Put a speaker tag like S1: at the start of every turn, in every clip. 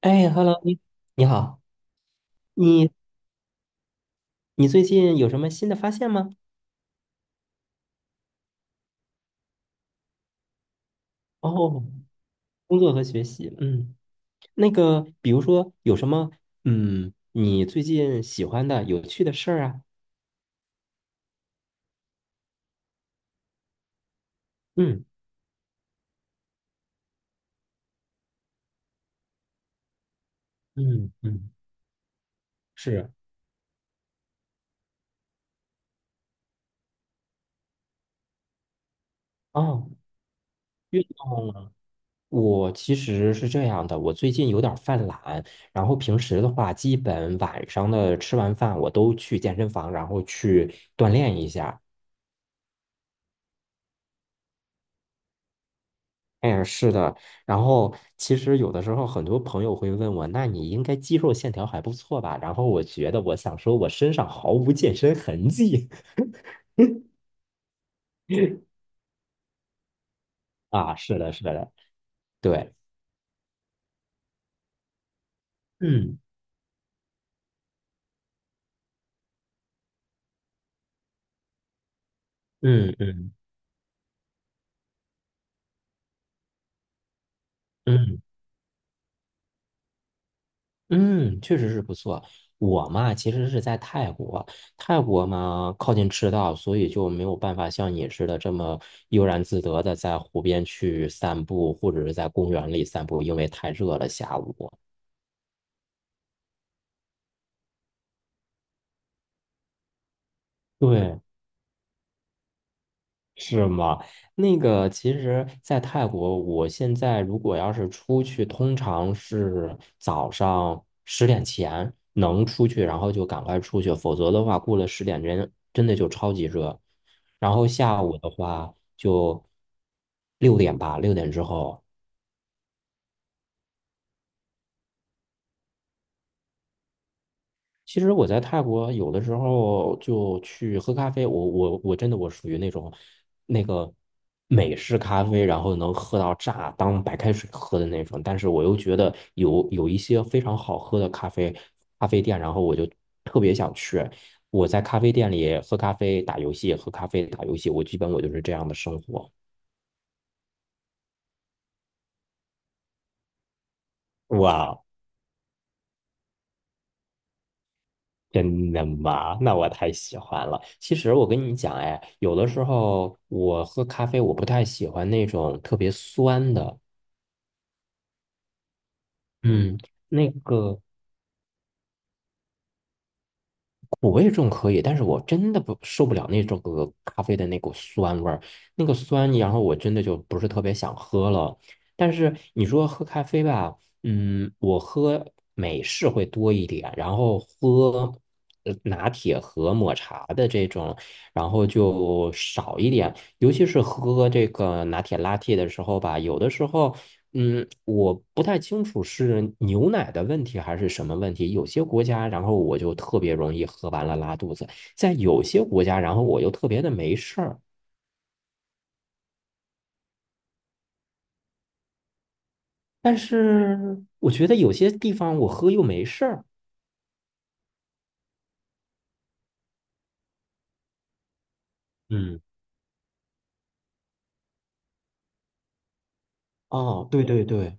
S1: 哎，Hello，你好，你你最近有什么新的发现吗？哦，工作和学习，嗯，那个，比如说有什么，嗯，你最近喜欢的、有趣的事儿啊？嗯嗯嗯，是。哦，运动啊，我其实是这样的，我最近有点儿犯懒，然后平时的话，基本晚上的吃完饭，我都去健身房，然后去锻炼一下。哎，是的，然后其实有的时候很多朋友会问我，那你应该肌肉线条还不错吧？然后我觉得我想说，我身上毫无健身痕迹。啊，是的，是的，对，嗯嗯嗯嗯嗯，确实是不错。我嘛，其实是在泰国，泰国嘛靠近赤道，所以就没有办法像你似的这么悠然自得的在湖边去散步，或者是在公园里散步，因为太热了，下午。对，是吗？那个，其实，在泰国，我现在如果要是出去，通常是早上十点前能出去，然后就赶快出去，否则的话，过了十点真的就超级热。然后下午的话，就六点吧，六点之后。其实我在泰国有的时候就去喝咖啡，我真的，我属于那种，那个美式咖啡，然后能喝到炸，当白开水喝的那种。但是我又觉得有一些非常好喝的咖啡店，然后我就特别想去。我在咖啡店里喝咖啡、打游戏，喝咖啡、打游戏，我基本我就是这样的生活。哇，真的吗？那我太喜欢了。其实我跟你讲，哎，有的时候我喝咖啡，我不太喜欢那种特别酸的。嗯，那个苦味种可以，但是我真的不受不了那种个咖啡的那股酸味儿，那个酸，然后我真的就不是特别想喝了。但是你说喝咖啡吧，嗯，我喝美式会多一点，然后喝拿铁和抹茶的这种，然后就少一点。尤其是喝这个拿铁拉 a 的时候吧，有的时候嗯，我不太清楚是牛奶的问题还是什么问题。有些国家，然后我就特别容易喝完了拉肚子；在有些国家，然后我又特别的没事儿。但是我觉得有些地方我喝又没事儿。嗯，哦，对对对，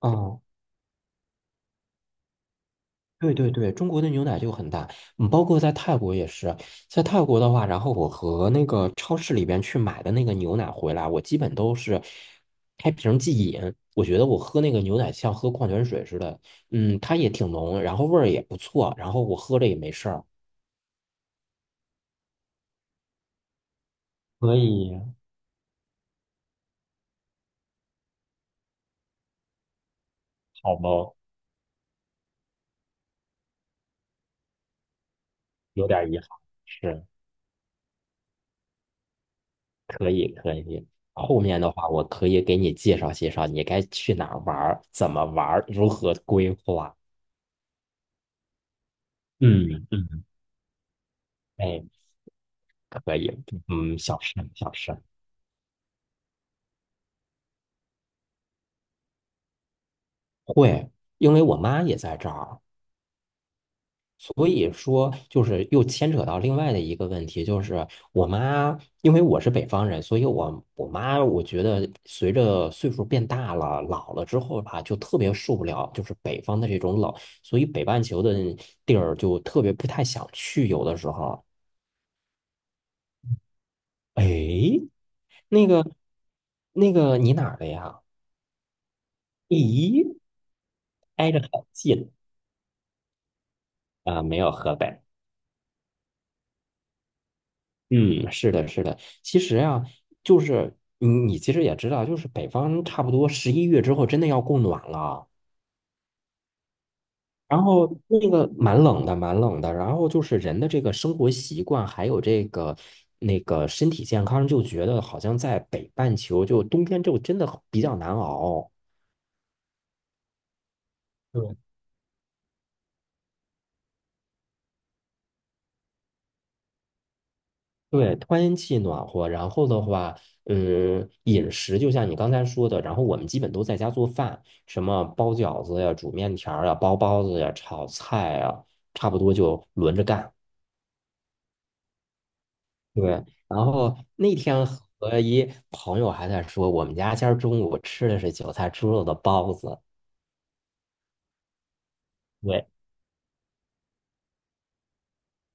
S1: 哦。对对对，中国的牛奶就很大，嗯，包括在泰国也是，在泰国的话，然后我和那个超市里边去买的那个牛奶回来，我基本都是开瓶即饮。我觉得我喝那个牛奶像喝矿泉水似的，嗯，它也挺浓，然后味儿也不错，然后我喝着也没事儿。所以，好吗？有点遗憾，是可以可以。后面的话，我可以给你介绍介绍，你该去哪儿玩儿，怎么玩儿，如何规划。嗯嗯。嗯，哎，可以，嗯，小事小事。对，因为我妈也在这儿，所以说就是又牵扯到另外的一个问题，就是我妈，因为我是北方人，所以我妈，我觉得随着岁数变大了，老了之后吧，就特别受不了，就是北方的这种冷，所以北半球的地儿就特别不太想去，有的时候。哎，那个那个，你哪儿的呀？咦，挨着很近啊，没有河北。嗯，是的，是的。其实啊，就是你其实也知道，就是北方差不多11月之后真的要供暖了，然后那个蛮冷的，蛮冷的。然后就是人的这个生活习惯，还有这个那个身体健康，就觉得好像在北半球就冬天就真的比较难熬。对。对，天气暖和，然后的话，嗯，饮食就像你刚才说的，然后我们基本都在家做饭，什么包饺子呀、煮面条儿呀、包包子呀、炒菜呀，差不多就轮着干。对，然后那天和一朋友还在说，我们家今儿中午吃的是韭菜猪肉的包子，对，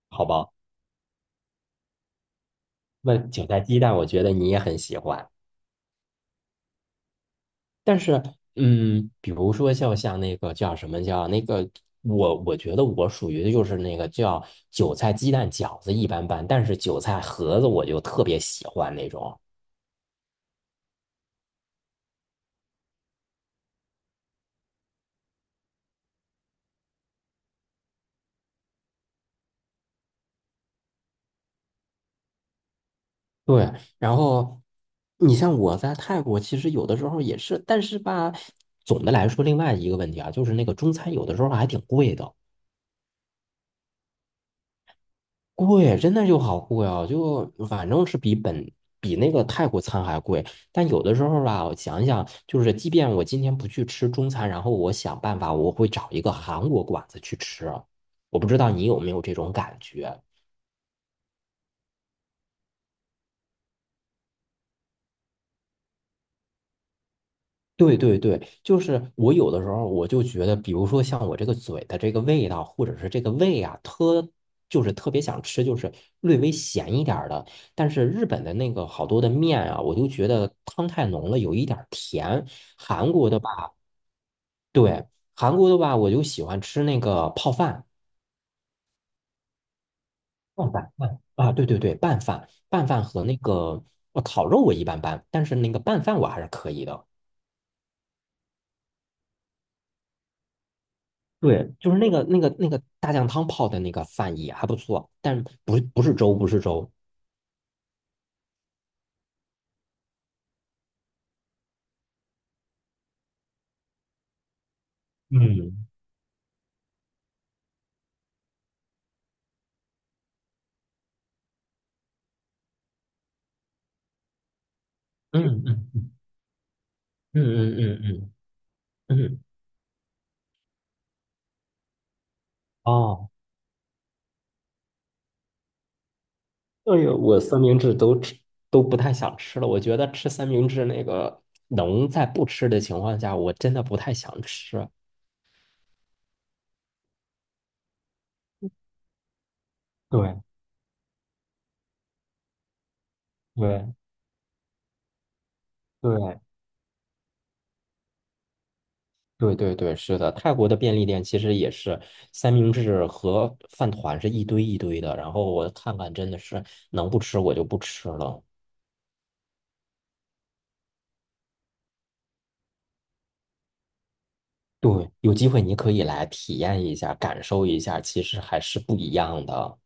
S1: 好包，那韭菜鸡蛋，我觉得你也很喜欢。但是，嗯，比如说像那个叫什么叫那个，我觉得我属于的就是那个叫韭菜鸡蛋饺子一般般，但是韭菜盒子我就特别喜欢那种。对，然后你像我在泰国，其实有的时候也是，但是吧，总的来说，另外一个问题啊，就是那个中餐有的时候还挺贵的。贵，真的就好贵哦，就反正是比那个泰国餐还贵。但有的时候吧，我想一想，就是即便我今天不去吃中餐，然后我想办法，我会找一个韩国馆子去吃啊。我不知道你有没有这种感觉。对对对，就是我有的时候我就觉得，比如说像我这个嘴的这个味道，或者是这个胃啊，就是特别想吃，就是略微咸一点儿的。但是日本的那个好多的面啊，我就觉得汤太浓了，有一点儿甜。韩国的吧，对，韩国的吧，我就喜欢吃那个泡饭，拌饭啊，对对对，拌饭和那个烤肉我一般般，但是那个拌饭我还是可以的。对，就是那个大酱汤泡的那个饭也还不错，但不是粥，不是粥。嗯嗯嗯嗯嗯嗯嗯嗯。哦，对，我三明治都吃都不太想吃了。我觉得吃三明治那个能在不吃的情况下，我真的不太想吃。对对对对对对，是的，泰国的便利店其实也是三明治和饭团是一堆一堆的，然后我看看真的是能不吃我就不吃了。对，有机会你可以来体验一下，感受一下，其实还是不一样的。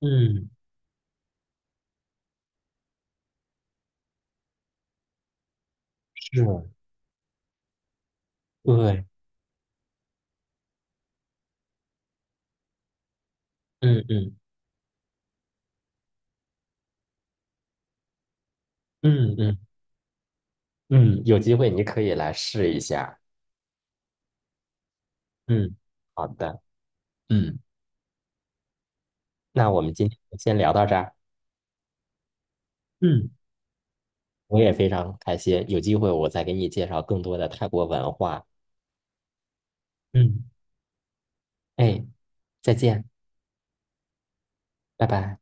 S1: 嗯，是，对，嗯嗯嗯嗯嗯，有机会你可以来试一下。嗯，好的，嗯，那我们今天就先聊到这儿。嗯，我也非常开心，有机会我再给你介绍更多的泰国文化。嗯，哎，再见，拜拜。